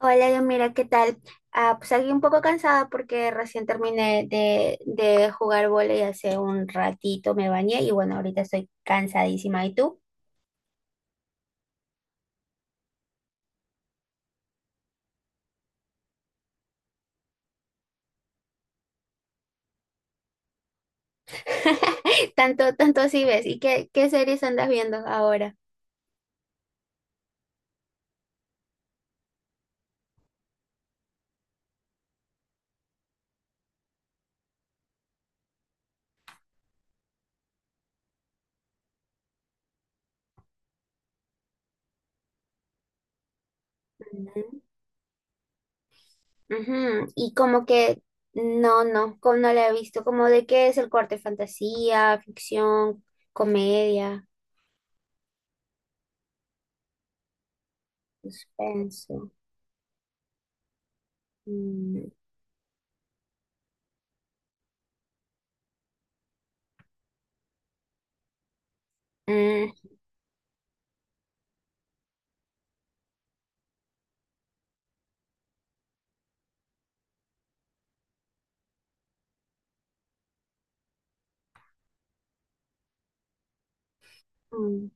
Hola, yo mira, ¿qué tal? Ah, pues aquí un poco cansada porque recién terminé de jugar vóley hace un ratito, me bañé y bueno, ahorita estoy cansadísima. ¿Y tú? Tanto, tanto así ves. ¿Y qué series andas viendo ahora? Ujú. Ujú. Y como que, no, no, como no la he visto, como de qué es el corte: fantasía, ficción, comedia, suspenso. Mm, mm, mm.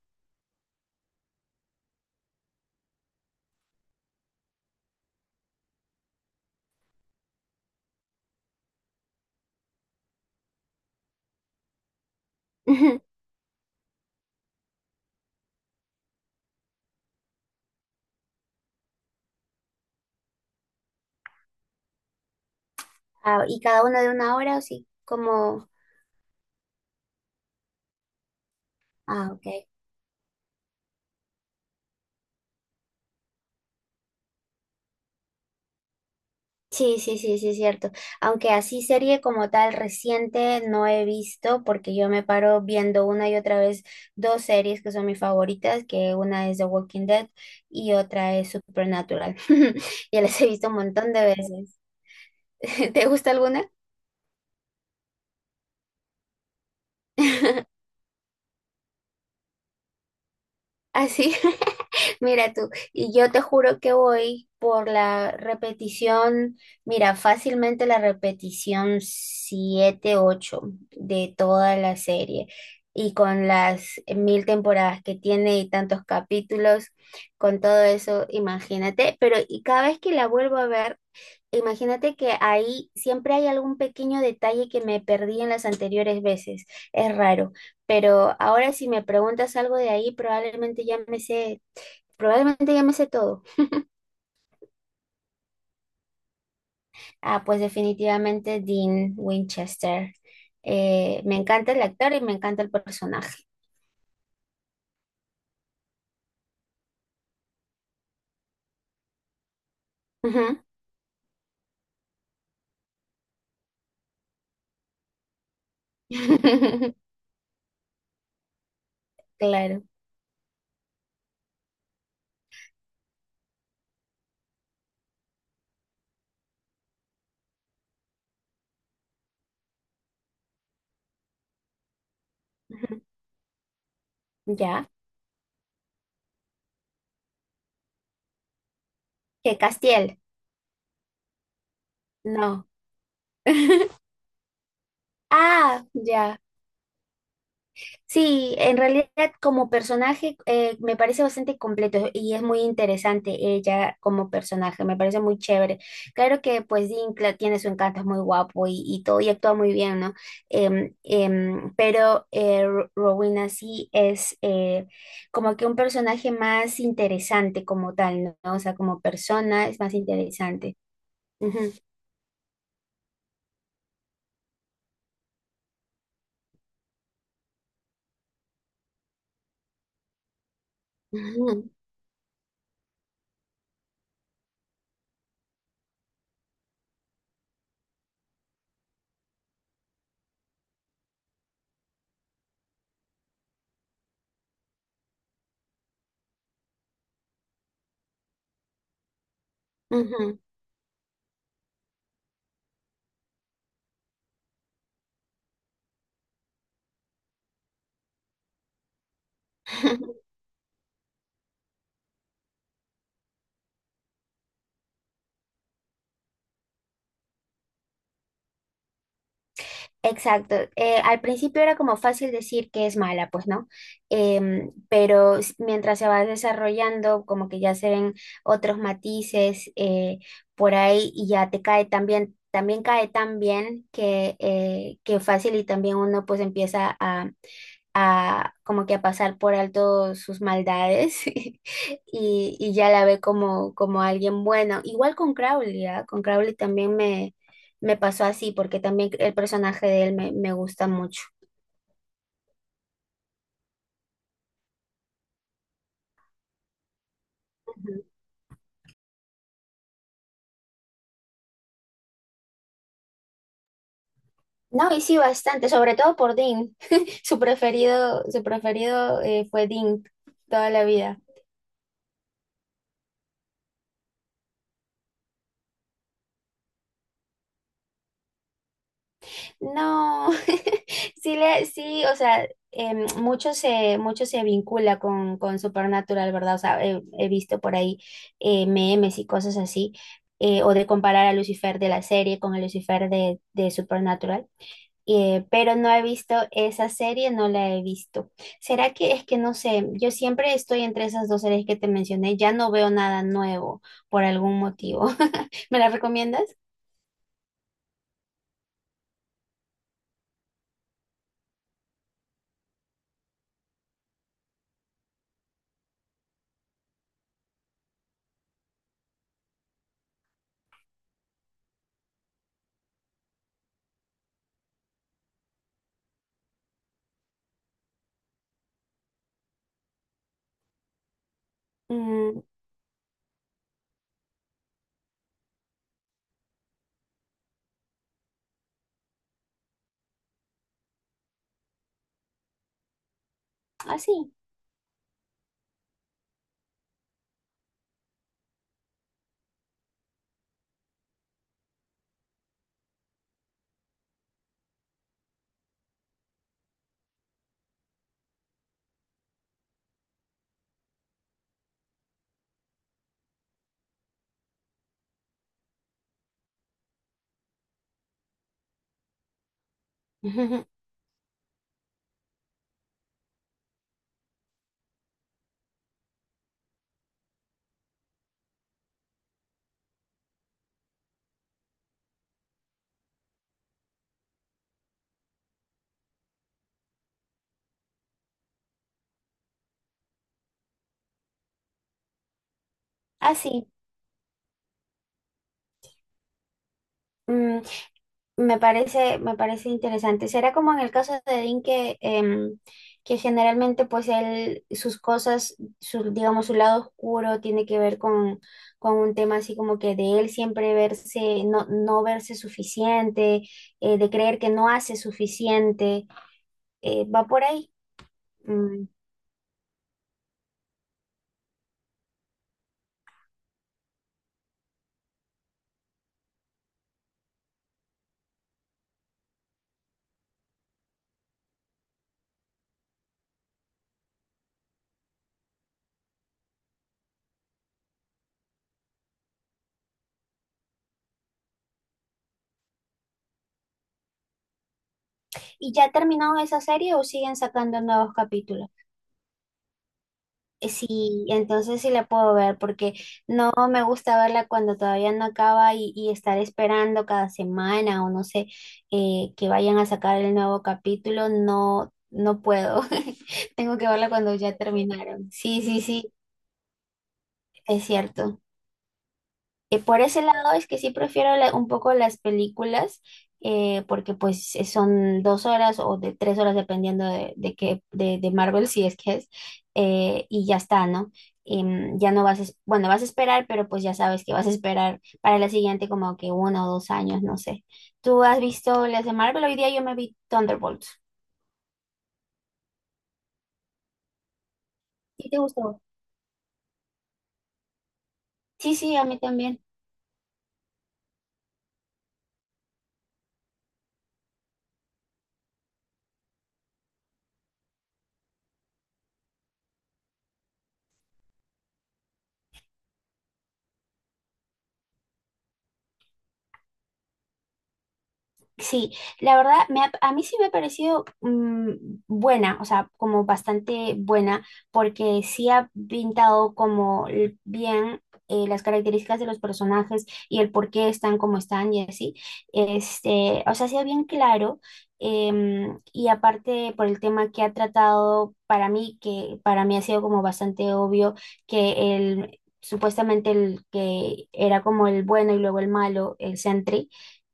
Ah, ¿y cada una de una hora o sí? Como... Ah, ok. Sí, sí, sí, sí, es cierto. Aunque así serie como tal reciente no he visto, porque yo me paro viendo una y otra vez dos series que son mis favoritas, que una es The Walking Dead y otra es Supernatural. Ya las he visto un montón de veces. ¿Te gusta alguna? ¿Así? Mira tú, y yo te juro que voy por la repetición, mira, fácilmente la repetición 7 8 de toda la serie. Y con las mil temporadas que tiene y tantos capítulos, con todo eso, imagínate. Pero y cada vez que la vuelvo a ver, imagínate que ahí siempre hay algún pequeño detalle que me perdí en las anteriores veces. Es raro. Pero ahora si me preguntas algo de ahí, Probablemente ya me sé todo. Ah, pues definitivamente Dean Winchester. Me encanta el actor y me encanta el personaje. Ujú. Claro. Ujú. ¿Ya? ¿Que Castiel? No. Ah, ya. Sí, en realidad como personaje me parece bastante completo y es muy interesante ella como personaje, me parece muy chévere. Claro que pues Dean tiene su encanto, es muy guapo y todo y actúa muy bien, ¿no? Pero Rowena sí es como que un personaje más interesante como tal, ¿no? O sea, como persona es más interesante. Ujú, ujú, ujú. Exacto. Al principio era como fácil decir que es mala, pues no. Pero mientras se va desarrollando, como que ya se ven otros matices por ahí y ya te cae también, también cae tan bien que fácil y también uno pues empieza a como que a pasar por alto sus maldades, y ya la ve como alguien bueno. Igual con Crowley, ¿ah? Con Crowley también me pasó así, porque también el personaje de él me gusta mucho. Ujú. No, y sí, bastante, sobre todo por Dean. Su preferido fue Dean toda la vida. No, sí, sí, o sea, mucho se vincula con Supernatural, ¿verdad? O sea, he visto por ahí memes y cosas así, o de comparar a Lucifer de la serie con el Lucifer de Supernatural. Pero no he visto esa serie, no la he visto. ¿Será que es que no sé? Yo siempre estoy entre esas dos series que te mencioné, ya no veo nada nuevo por algún motivo. ¿Me la recomiendas? Mm, así, así. mm, me parece interesante. Será como en el caso de Dean que generalmente pues él, sus cosas, su, digamos, su lado oscuro tiene que ver con un tema así como que de él siempre verse, no, no verse suficiente, de creer que no hace suficiente. Va por ahí. Mm. ¿Y ya terminó esa serie o siguen sacando nuevos capítulos? Sí, entonces sí la puedo ver porque no me gusta verla cuando todavía no acaba y estar esperando cada semana o no sé que vayan a sacar el nuevo capítulo, no, no puedo. Tengo que verla cuando ya terminaron. Sí, sí, sí, es cierto. Por ese lado es que sí prefiero un poco las películas, porque pues son 2 horas o de 3 horas dependiendo de qué, de Marvel si es que es, y ya está, ¿no? Ya no vas, bueno, vas a esperar, pero pues ya sabes que vas a esperar para la siguiente como que 1 o 2 años, no sé. ¿Tú has visto las de Marvel? Hoy día yo me vi Thunderbolts. ¿Sí te gustó? Sí, sí, a mí también. Sí, la verdad, a mí sí me ha parecido buena, o sea, como bastante buena, porque sí ha pintado como bien las características de los personajes y el por qué están como están y así. Este, o sea, sí ha bien claro, y aparte por el tema que ha tratado para mí, que para mí ha sido como bastante obvio que el... Supuestamente el que era como el bueno y luego el malo, el Sentry,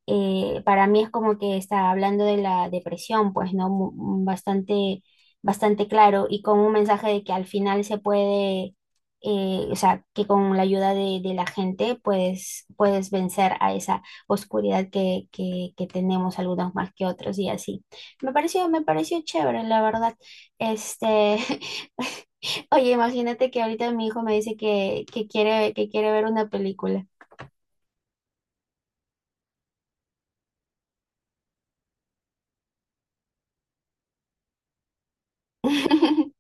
para mí es como que está hablando de la depresión, pues, ¿no? Bastante, bastante claro y con un mensaje de que al final se puede, o sea, que con la ayuda de la gente puedes vencer a esa oscuridad que tenemos algunos más que otros y así. Me pareció chévere, la verdad. Este, oye, imagínate que ahorita mi hijo me dice que quiere ver una película.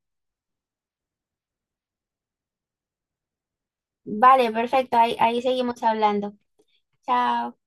Vale, perfecto. Ahí, ahí seguimos hablando. Chao.